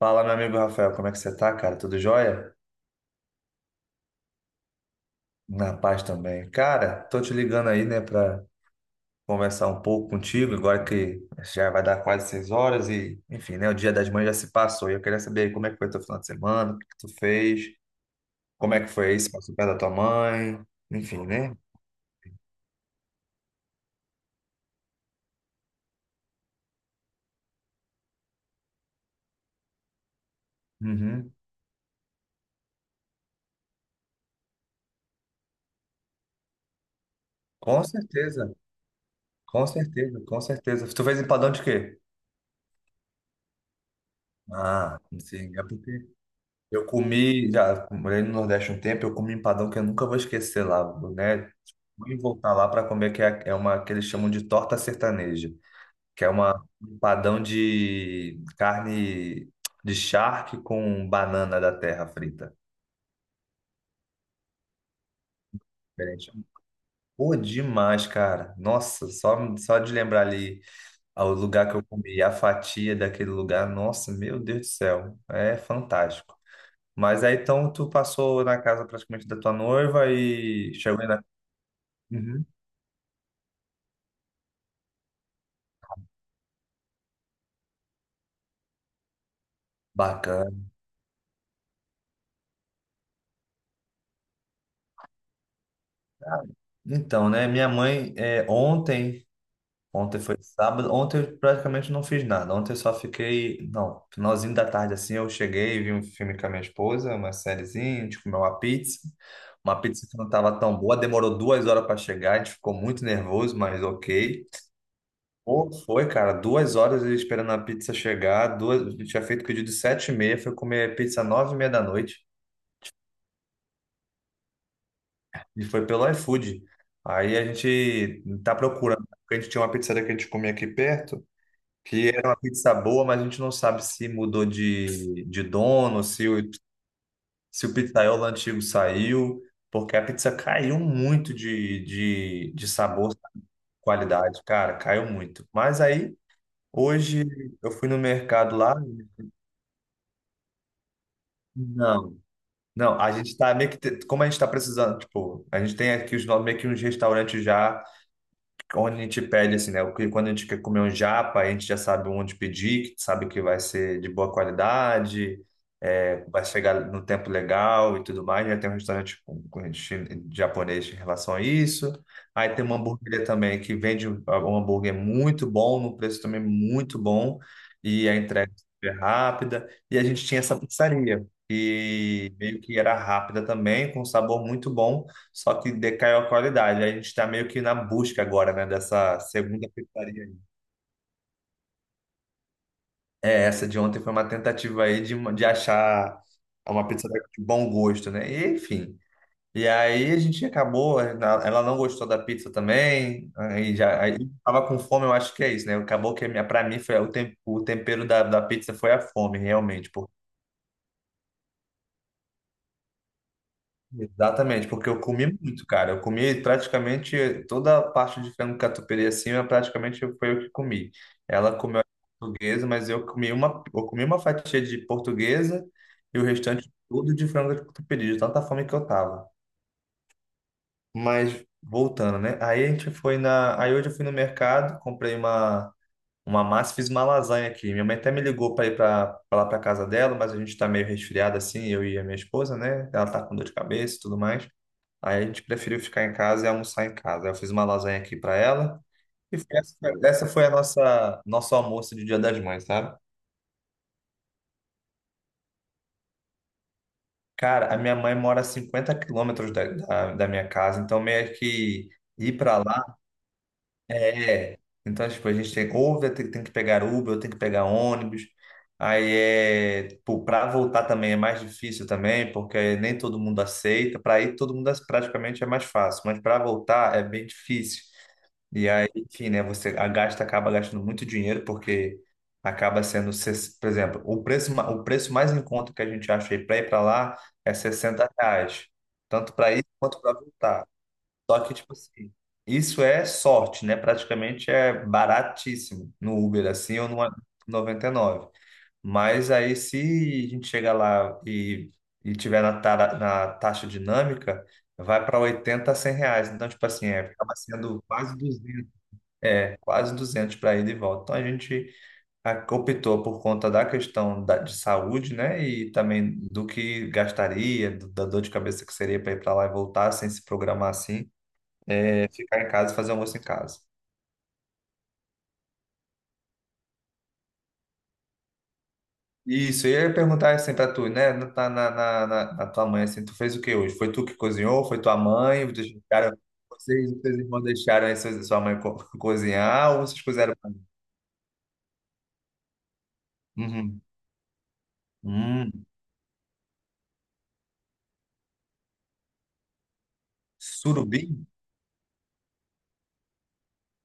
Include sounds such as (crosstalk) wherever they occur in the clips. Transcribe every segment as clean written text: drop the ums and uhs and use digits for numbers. Fala, meu amigo Rafael, como é que você tá, cara? Tudo jóia? Na paz também. Cara, tô te ligando aí, né, pra conversar um pouco contigo, agora que já vai dar quase 6 horas e, enfim, né, o Dia das Mães já se passou e eu queria saber aí como é que foi teu final de semana, o que que tu fez, como é que foi isso, passou perto da tua mãe, enfim, né? Uhum. Com certeza, com certeza, com certeza. Tu fez empadão de quê? Ah, sim, é porque eu comi, já morei no Nordeste um tempo, eu comi um empadão que eu nunca vou esquecer lá, né? Vou voltar lá para comer, que é uma que eles chamam de torta sertaneja, que é uma um empadão de carne de charque com banana da terra frita. Diferente. Pô, demais, cara. Nossa, só de lembrar ali o lugar que eu comi, a fatia daquele lugar, nossa, meu Deus do céu, é fantástico. Mas aí então tu passou na casa praticamente da tua noiva e chegou. Uhum. Bacana. Ah, então, né? Minha mãe, ontem foi sábado, ontem eu praticamente não fiz nada. Ontem eu só fiquei, não, finalzinho da tarde assim, eu cheguei, vi um filme com a minha esposa, uma sériezinha, a gente comeu uma pizza. Uma pizza que não estava tão boa, demorou 2 horas para chegar, a gente ficou muito nervoso, mas ok. Pô, foi, cara, 2 horas esperando a pizza chegar, duas, a gente tinha feito pedido de 7h30, foi comer pizza 9h30 da noite. E foi pelo iFood. Aí a gente tá procurando, porque a gente tinha uma pizzaria que a gente comia aqui perto, que era uma pizza boa, mas a gente não sabe se mudou de dono, se o pizzaiolo antigo saiu, porque a pizza caiu muito de sabor, qualidade, cara, caiu muito. Mas aí, hoje, eu fui no mercado lá, não, não, a gente tá meio que, como a gente tá precisando, tipo, a gente tem aqui os, no- meio que uns restaurantes já. Onde a gente pede, assim, né? Porque quando a gente quer comer um japa, a gente já sabe onde pedir, que sabe que vai ser de boa qualidade, vai chegar no tempo legal e tudo mais. Já tem um restaurante com japonês em relação a isso. Aí tem uma hamburgueria também que vende um hambúrguer muito bom, num preço também muito bom, e a entrega é super rápida. E a gente tinha essa pizzaria, e meio que era rápida também, com sabor muito bom. Só que decaiu a qualidade. A gente está meio que na busca agora, né, dessa segunda pizzaria aí. É, essa de ontem foi uma tentativa aí de achar uma pizzaria de bom gosto, né? E, enfim. E aí a gente acabou, ela não gostou da pizza também, aí tava com fome, eu acho que é isso, né? Acabou que a minha, para mim foi o tempero da pizza foi a fome, realmente. Exatamente, porque eu comi muito, cara. Eu comi praticamente toda a parte de frango catupiry assim, eu praticamente foi eu que comi. Ela comeu portuguesa, mas eu comi uma fatia de portuguesa e o restante tudo de frango catupiry, de tanta fome que eu tava. Mas voltando, né? Aí a gente foi na, aí hoje eu fui no mercado, comprei uma massa, e fiz uma lasanha aqui. Minha mãe até me ligou para ir para lá para casa dela, mas a gente tá meio resfriado assim, eu e a minha esposa, né? Ela tá com dor de cabeça e tudo mais. Aí a gente preferiu ficar em casa e almoçar em casa. Aí eu fiz uma lasanha aqui para ela. E foi- essa foi essa foi a nossa nosso almoço de Dia das Mães, sabe? Cara, a minha mãe mora a 50 quilômetros da minha casa, então meio que ir para lá é. É. Então, tipo, a gente tem, ou tem, que pegar Uber, ou tem que pegar ônibus. Aí é, tipo, para voltar também é mais difícil também, porque nem todo mundo aceita. Para ir, todo mundo praticamente é mais fácil, mas para voltar é bem difícil. E aí, enfim, né? Você gasta, acaba gastando muito dinheiro, porque acaba sendo, por exemplo, o preço, o preço mais em conta que a gente acha aí para ir para lá é 60 reais, tanto para ir quanto para voltar. Só que, tipo assim, isso é sorte, né? Praticamente é baratíssimo no Uber, assim, ou no 99. Mas aí, se a gente chegar lá e tiver na taxa dinâmica, vai para 80, 100 reais. Então, tipo assim, é, acaba sendo quase 200 , quase 200 para ir de volta. Então a gente optou por conta da questão de saúde, né? E também do que gastaria, da dor de cabeça que seria para ir para lá e voltar sem se programar assim, ficar em casa e fazer almoço em casa. Isso, e eu ia perguntar assim para tu, né? Na tua mãe, assim, tu fez o que hoje? Foi tu que cozinhou? Foi tua mãe? E teus irmãos deixaram aí sua mãe (laughs) cozinhar ou vocês cozeram? Mim? Uhum. Hum, surubim?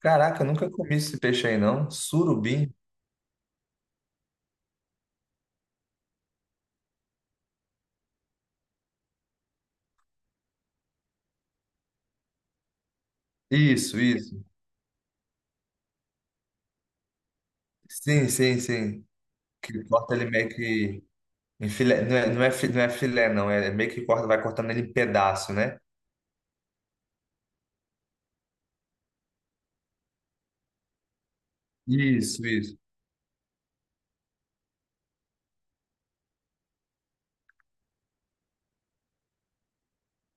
Caraca, eu nunca comi esse peixe aí, não. Surubim? Isso, isso. Sim, sim, sim. Que corta ele meio que em filé. Não é, não é, não é filé, não. É meio que corta, vai cortando ele em pedaço, né? Isso, isso.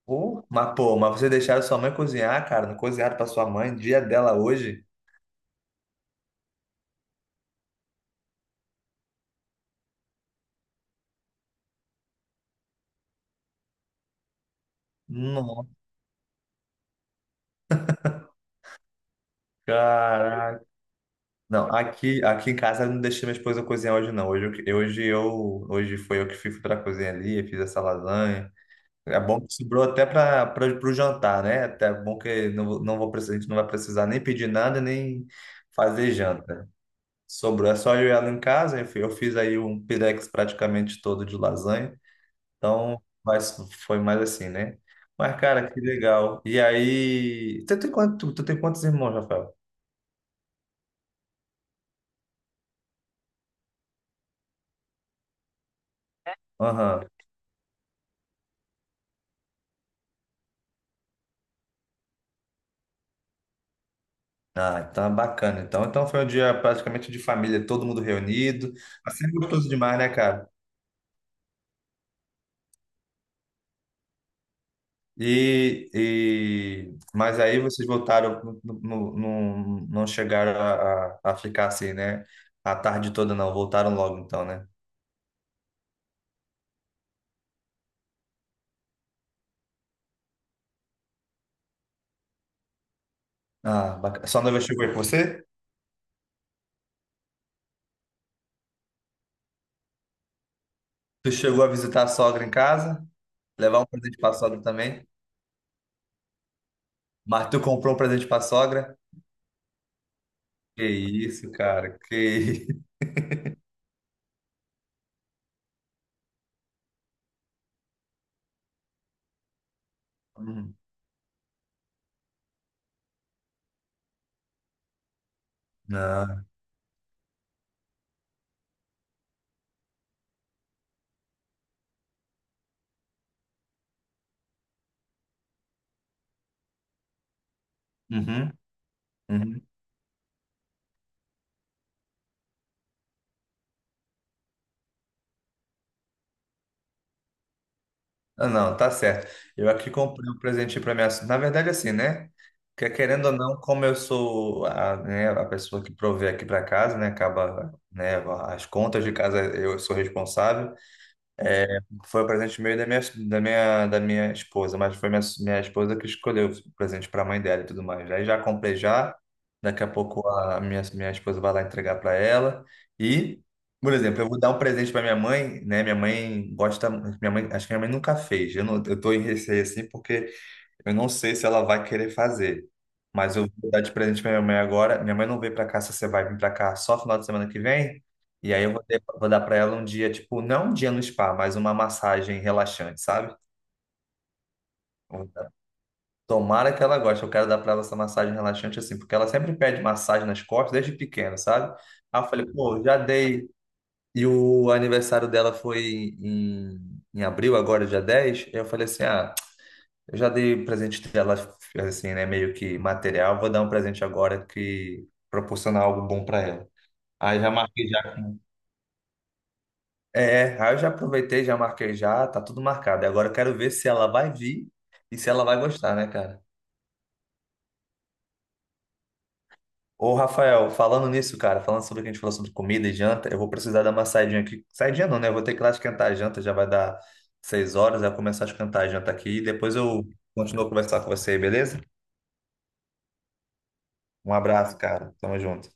Pô, mas você deixaram sua mãe cozinhar, cara? Não cozinharam pra sua mãe, dia dela hoje? Não, caraca. Não, aqui em casa eu não deixei minha esposa cozinhar hoje, não. Hoje foi eu que fui pra cozinha ali, eu fiz essa lasanha. É bom que sobrou até para o jantar, né? Até é bom que não, não vou precisar, a gente não vai precisar nem pedir nada, nem fazer janta. Sobrou, é só eu e ela em casa. Eu fiz aí um pirex praticamente todo de lasanha. Então, mas foi mais assim, né? Mas, cara, que legal. E aí, tu tem quantos irmãos, Rafael? Aham. Ah, então é bacana. Então foi um dia praticamente de família, todo mundo reunido. Assim é gostoso demais, né, cara? E mas aí vocês voltaram, não chegaram a ficar assim, né? A tarde toda não, voltaram logo então, né? Ah, bacana. Sua noiva chegou aí com você? Tu chegou a visitar a sogra em casa? Levar um presente pra sogra também? Mas tu comprou um presente pra sogra? Que isso, cara, que isso. (laughs) Hum, não. Uhum, uhum. Ah, não, tá certo. Eu aqui comprei um presente para minha. Na verdade, assim, né? Que querendo ou não, como eu sou a, né, a pessoa que provê aqui para casa, né? Acaba, né? As contas de casa eu sou responsável. Foi o presente meio da minha, esposa, mas foi minha esposa que escolheu o presente para a mãe dela e tudo mais. Aí já comprei já, daqui a pouco a minha esposa vai lá entregar para ela. E, por exemplo, eu vou dar um presente para minha mãe, né? Minha mãe gosta, minha mãe, acho que minha mãe nunca fez. Eu não, eu tô em receio assim porque eu não sei se ela vai querer fazer, mas eu vou dar de presente pra minha mãe agora. Minha mãe não veio pra cá, se você vai vir pra cá só final de semana que vem. E aí eu vou dar pra ela um dia, tipo, não um dia no spa, mas uma massagem relaxante, sabe? Vou dar- Tomara que ela goste. Eu quero dar pra ela essa massagem relaxante assim, porque ela sempre pede massagem nas costas desde pequena, sabe? Aí eu falei, pô, já dei. E o aniversário dela foi em abril, agora é dia 10. Eu falei assim, ah. Eu já dei um presente dela, assim, né? Meio que material. Vou dar um presente agora que proporcionar algo bom para ela. Aí já marquei já. É, aí eu já aproveitei, já marquei já, tá tudo marcado. E agora eu quero ver se ela vai vir e se ela vai gostar, né, cara? Ô, Rafael, falando nisso, cara, falando sobre o que a gente falou sobre comida e janta, eu vou precisar dar uma saidinha aqui. Saidinha não, né? Eu vou ter que ir lá esquentar a janta, já vai dar 6 horas, já começar a esquentar a janta aqui e depois eu continuo a conversar com você, beleza? Um abraço, cara. Tamo junto.